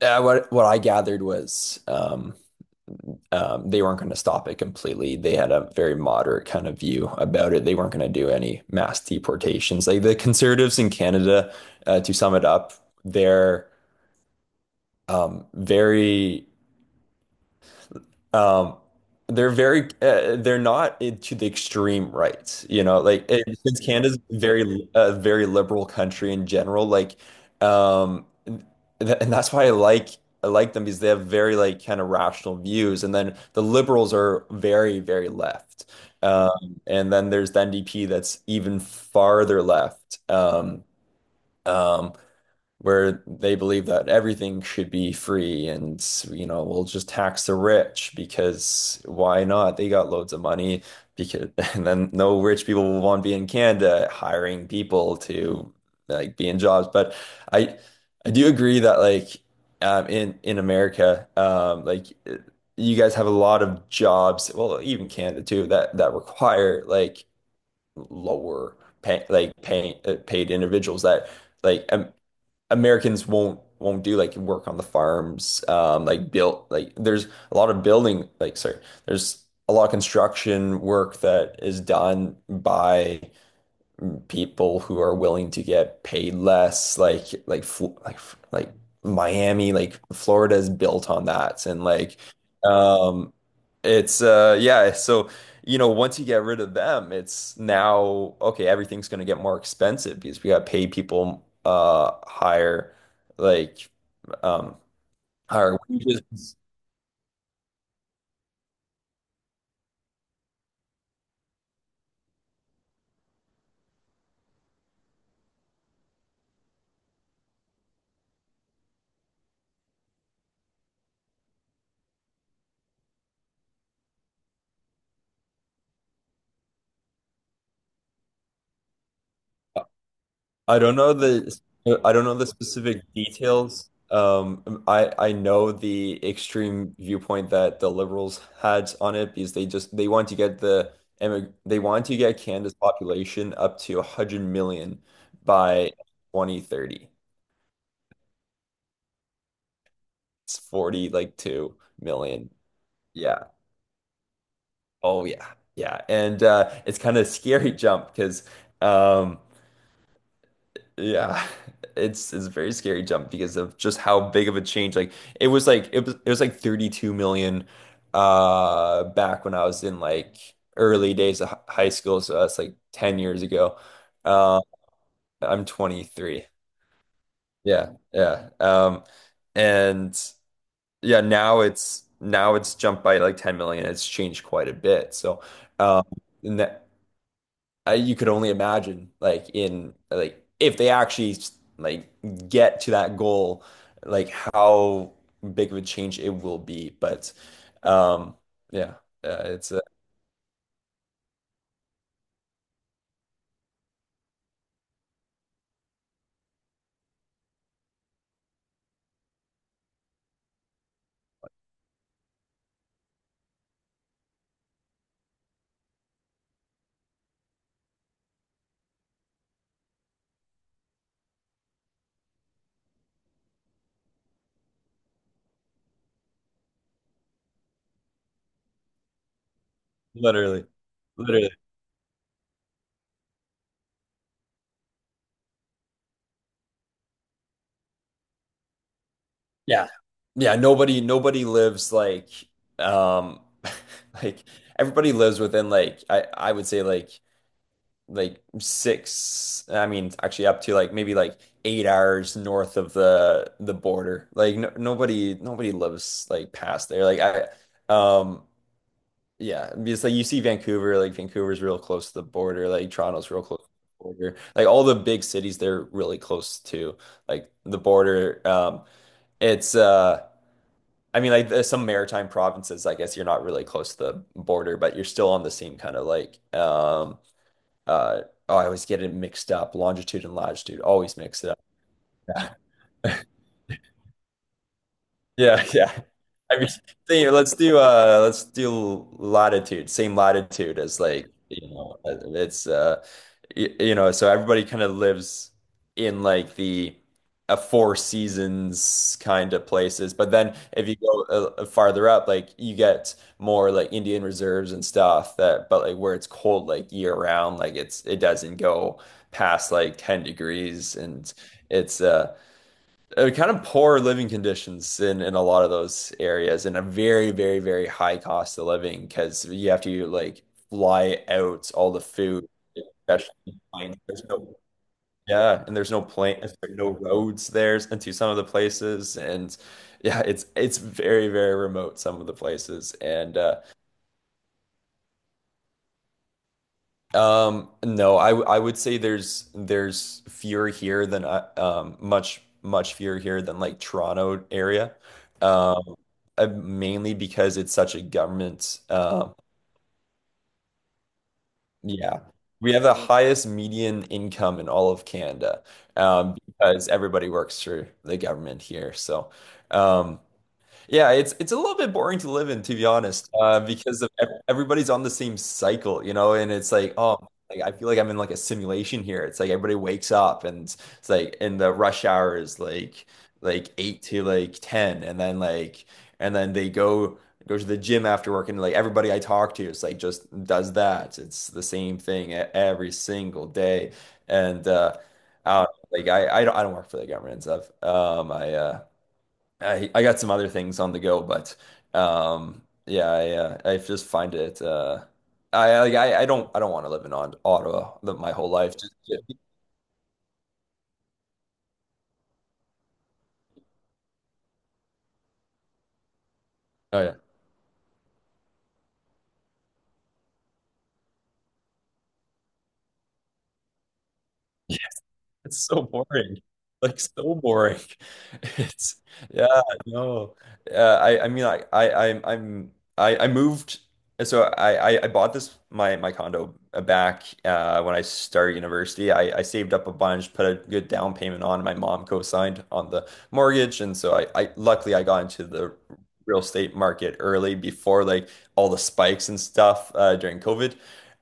What I gathered was they weren't going to stop it completely. They had a very moderate kind of view about it. They weren't going to do any mass deportations. Like the conservatives in Canada, to sum it up, they're very Um, they're very they're not to the extreme right, you know, like since Canada's very a very liberal country in general, like um and that's why I like them because they have very like kind of rational views, and then the liberals are very very left. And then there's the NDP that's even farther left. Um where they believe that everything should be free, and we'll just tax the rich, because why not? They got loads of money, because and then no rich people will want to be in Canada hiring people to like be in jobs. But I I do agree that like in America like you guys have a lot of jobs, well even Canada too, that require like lower paid individuals that like Americans won't do, like, work on the farms, like build like there's a lot of building, like, sorry, there's a lot of construction work that is done by people who are willing to get paid less, like like Miami, like Florida is built on that. And like um it's yeah, so once you get rid of them, it's now okay, everything's going to get more expensive because we got to pay people higher, like, um higher wages. I don't know the I don't know the specific details. I know the extreme viewpoint that the liberals had on it, because they just they want to get the emi- they want to get Canada's population up to 100 million by 2030. It's 40 like 2 million. Yeah. Oh yeah. Yeah. And it's kind of a scary jump because um, yeah, it's a very scary jump because of just how big of a change. Like it was like 32 million back when I was in like early days of high school, so that's like 10 years ago. Uh, I'm 23. Yeah, yeah. And yeah, now it's jumped by like 10 million. It's changed quite a bit. So um and that, you could only imagine like in like if they actually like get to that goal, like how big of a change it will be, but um yeah it's literally literally yeah, yeah, nobody lives like, um like everybody lives within like I would say like six, I mean, actually up to like maybe like 8 hours north of the border. Like no, nobody lives like past there. Like I um yeah, because like you see Vancouver, like Vancouver's real close to the border, like Toronto's real close to the border. Like all the big cities, they're really close to, like, the border. It's I mean, like, there's some maritime provinces, I guess you're not really close to the border, but you're still on the same kind of, like, uh, oh, I always get it mixed up. Longitude and latitude, always mix it up. Yeah, yeah. I mean, let's do latitude, same latitude as, like, you know, you know, so everybody kind of lives in like the a four seasons kind of places. But then if you go farther up, like you get more like Indian reserves and stuff, that but like where it's cold like year round, like it doesn't go past like 10 degrees, and it's kind of poor living conditions in a lot of those areas, and a very very very high cost of living, because you have to like fly out all the food, especially planes. There's no yeah, and there's no plane, there's no roads there into some of the places, and yeah, it's very very remote, some of the places, and no, I would say there's fewer here than much much fewer here than like Toronto area, um mainly because it's such a government yeah, we have the highest median income in all of Canada, because everybody works for the government here, so um yeah, it's a little bit boring to live in, to be honest, because of everybody's on the same cycle, and it's like, oh, like I feel like I'm in like a simulation here. It's like everybody wakes up, and it's like, and the rush hour is like eight to like ten, and then like and then they go to the gym after work, and like everybody I talk to is like just does that. It's the same thing every single day, and I don't, like I don't work for the government and stuff. I got some other things on the go, but yeah, I just find it I like I don't want to live in Ottawa my whole life. Oh yeah. It's so boring. Like, so boring. It's yeah, no. I mean, I I'm I moved. So I bought this my my condo, back when I started university. I saved up a bunch, put a good down payment on. My mom co-signed on the mortgage, and so I luckily I got into the real estate market early, before like all the spikes and stuff during COVID.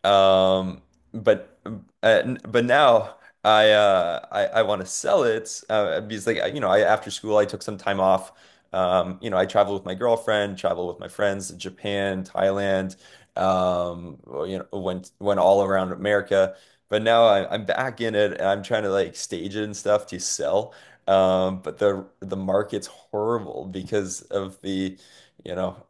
Um but but now I want to sell it, because I, after school, I took some time off, I traveled with my girlfriend, traveled with my friends, Japan, Thailand, well, went all around America. But now I'm back in it, and I'm trying to like stage it and stuff to sell, but the market's horrible because of the, you know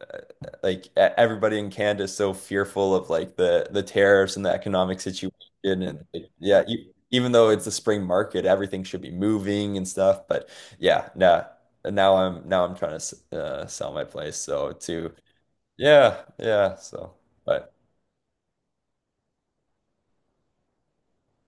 like everybody in Canada is so fearful of like the tariffs and the economic situation, and like, yeah, even though it's the spring market, everything should be moving and stuff, but yeah, nah, now I'm trying to sell my place, so to, yeah, yeah, so, but